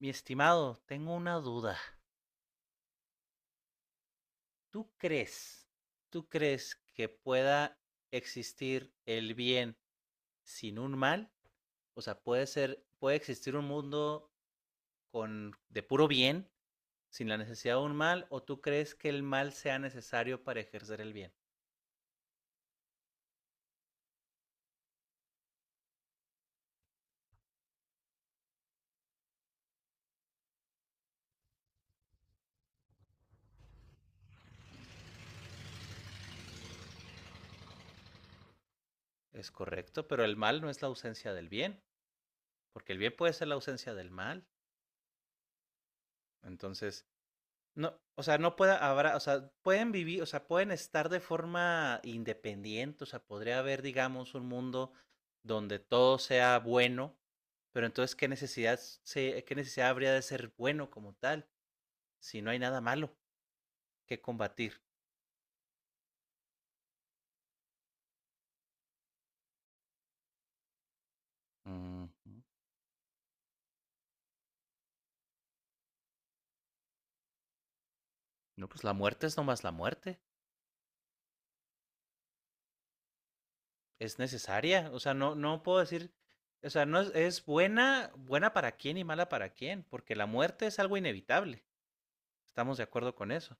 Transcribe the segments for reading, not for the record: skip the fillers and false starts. Mi estimado, tengo una duda. ¿Tú crees, tú crees que pueda existir el bien sin un mal? O sea, puede ser, puede existir un mundo con de puro bien sin la necesidad de un mal, ¿o tú crees que el mal sea necesario para ejercer el bien? Es correcto, pero el mal no es la ausencia del bien, porque el bien puede ser la ausencia del mal. Entonces, no, o sea, no pueda, habrá, o sea, pueden vivir, o sea, pueden estar de forma independiente, o sea, podría haber, digamos, un mundo donde todo sea bueno, pero entonces, ¿ qué necesidad habría de ser bueno como tal si no hay nada malo que combatir? Ujú. No, pues la muerte es nomás la muerte, es necesaria, o sea, no puedo decir, o sea, no es, es buena, buena para quién y mala para quién, porque la muerte es algo inevitable, estamos de acuerdo con eso.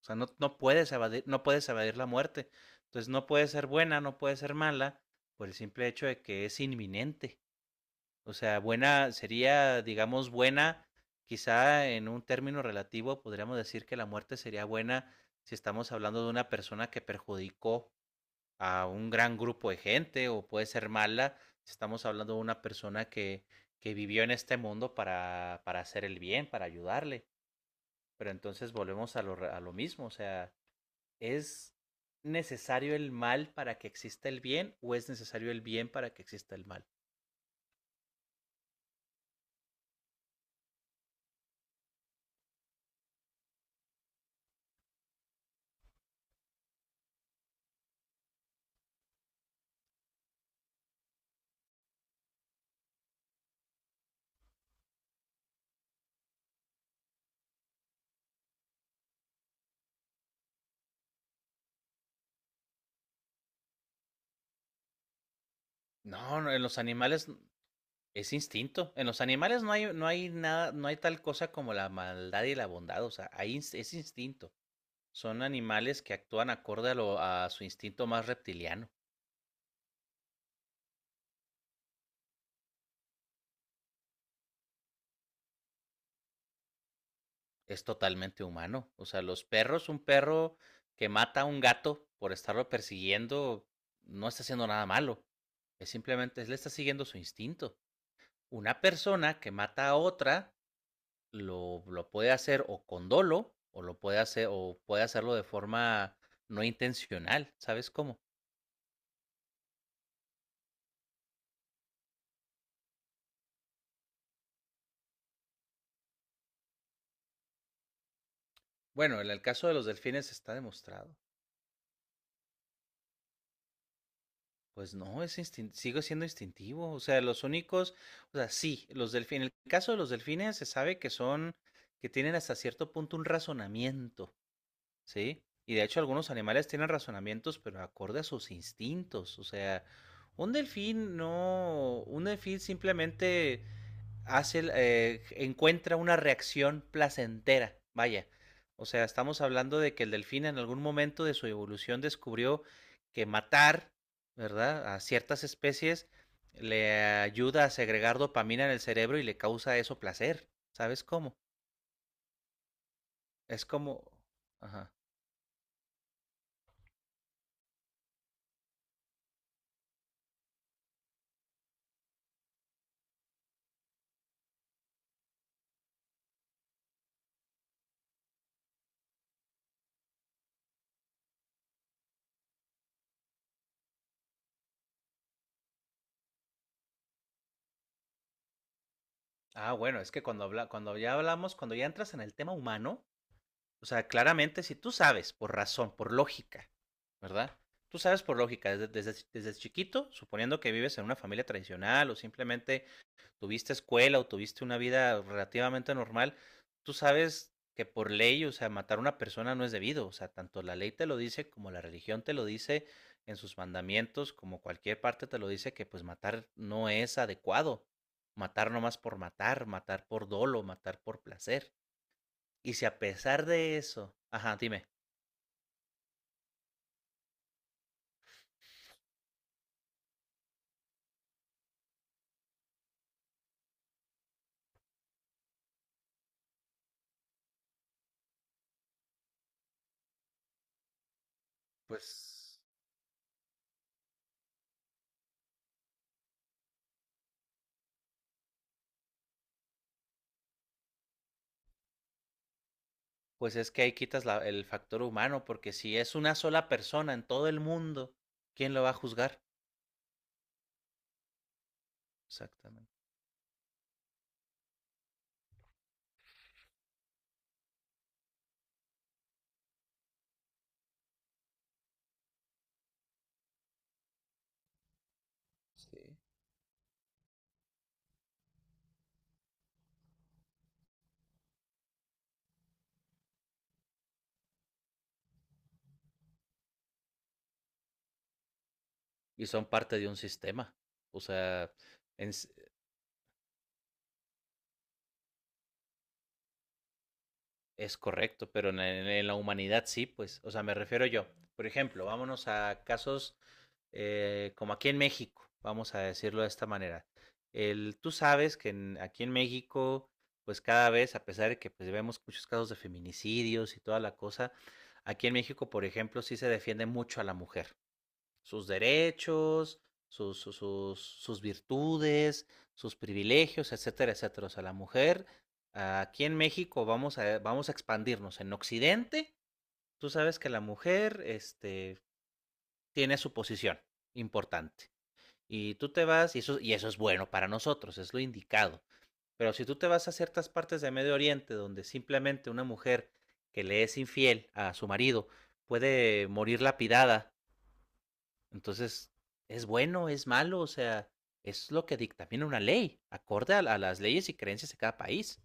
O sea, no, no puedes evadir, no puedes evadir la muerte. Entonces no puede ser buena, no puede ser mala, por el simple hecho de que es inminente. O sea, buena sería, digamos, buena, quizá en un término relativo podríamos decir que la muerte sería buena si estamos hablando de una persona que perjudicó a un gran grupo de gente, o puede ser mala si estamos hablando de una persona que vivió en este mundo para hacer el bien, para ayudarle. Pero entonces volvemos a lo mismo, o sea, ¿es necesario el mal para que exista el bien o es necesario el bien para que exista el mal? No, no, en los animales es instinto. En los animales no hay, no hay nada, no hay tal cosa como la maldad y la bondad. O sea, hay, es instinto. Son animales que actúan acorde a, a su instinto más reptiliano. Es totalmente humano. O sea, los perros, un perro que mata a un gato por estarlo persiguiendo, no está haciendo nada malo. Es simplemente, le está siguiendo su instinto. Una persona que mata a otra lo puede hacer o con dolo o lo puede hacer o puede hacerlo de forma no intencional, ¿sabes cómo? Bueno, en el caso de los delfines está demostrado. Pues no, sigue siendo instintivo, o sea, los únicos, o sea, sí, los delfines, en el caso de los delfines se sabe que son que tienen hasta cierto punto un razonamiento. Sí, y de hecho algunos animales tienen razonamientos, pero acorde a sus instintos. O sea, un delfín no, un delfín simplemente hace, encuentra una reacción placentera. Vaya, o sea, estamos hablando de que el delfín en algún momento de su evolución descubrió que matar, ¿verdad?, a ciertas especies le ayuda a segregar dopamina en el cerebro y le causa eso placer. ¿Sabes cómo? Es como... Ajá. Ah, bueno, es que cuando habla, cuando ya hablamos, cuando ya entras en el tema humano, o sea, claramente si tú sabes por razón, por lógica, ¿verdad? Tú sabes por lógica, desde chiquito, suponiendo que vives en una familia tradicional o simplemente tuviste escuela o tuviste una vida relativamente normal, tú sabes que por ley, o sea, matar a una persona no es debido, o sea, tanto la ley te lo dice como la religión te lo dice en sus mandamientos, como cualquier parte te lo dice que pues matar no es adecuado, matar nomás por matar, matar por dolo, matar por placer. Y si a pesar de eso, ajá, dime. Pues Pues es que ahí quitas el factor humano, porque si es una sola persona en todo el mundo, ¿quién lo va a juzgar? Exactamente. Sí. Y son parte de un sistema. O sea, es, es correcto, pero la humanidad sí, pues. O sea, me refiero yo. Por ejemplo, vámonos a casos como aquí en México, vamos a decirlo de esta manera. El, tú sabes que en, aquí en México, pues cada vez, a pesar de que pues, vemos muchos casos de feminicidios y toda la cosa, aquí en México, por ejemplo, sí se defiende mucho a la mujer. Sus derechos, sus virtudes, sus privilegios, etcétera, etcétera. O sea, la mujer aquí en México vamos a expandirnos. En Occidente, tú sabes que la mujer este, tiene su posición importante. Y tú te vas, y eso es bueno para nosotros, es lo indicado. Pero si tú te vas a ciertas partes de Medio Oriente donde simplemente una mujer que le es infiel a su marido puede morir lapidada, entonces, ¿es bueno, es malo? O sea, es lo que dictamina una ley, acorde a las leyes y creencias de cada país.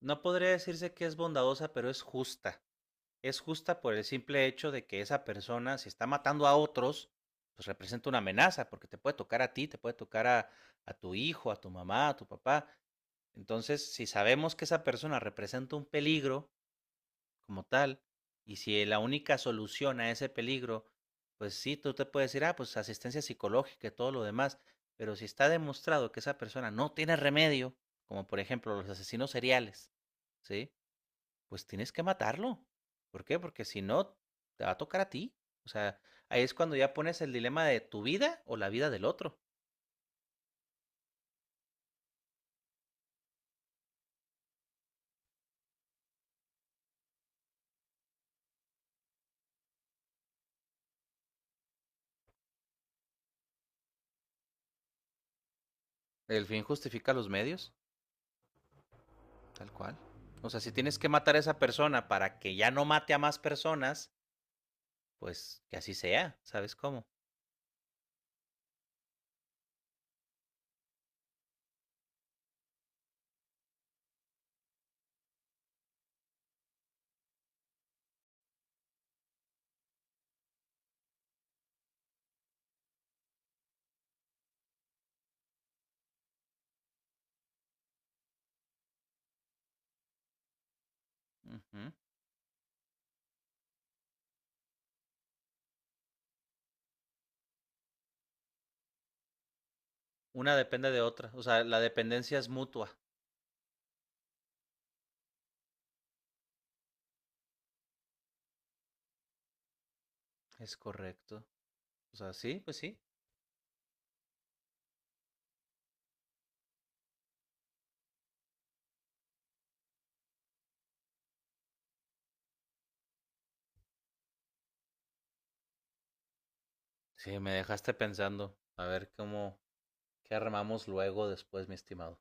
No podría decirse que es bondadosa, pero es justa. Es justa por el simple hecho de que esa persona, si está matando a otros, pues representa una amenaza, porque te puede tocar a ti, te puede tocar a tu hijo, a tu mamá, a tu papá. Entonces, si sabemos que esa persona representa un peligro, como tal. Y si la única solución a ese peligro, pues sí, tú te puedes decir, ah, pues asistencia psicológica y todo lo demás, pero si está demostrado que esa persona no tiene remedio, como por ejemplo los asesinos seriales, ¿sí? Pues tienes que matarlo. ¿Por qué? Porque si no, te va a tocar a ti. O sea, ahí es cuando ya pones el dilema de tu vida o la vida del otro. El fin justifica los medios, tal cual. O sea, si tienes que matar a esa persona para que ya no mate a más personas, pues que así sea, ¿sabes cómo? Ujú. Una depende de otra, o sea, la dependencia es mutua. Es correcto. O sea, sí, pues sí. Sí, me dejaste pensando. A ver cómo, qué armamos luego después, mi estimado.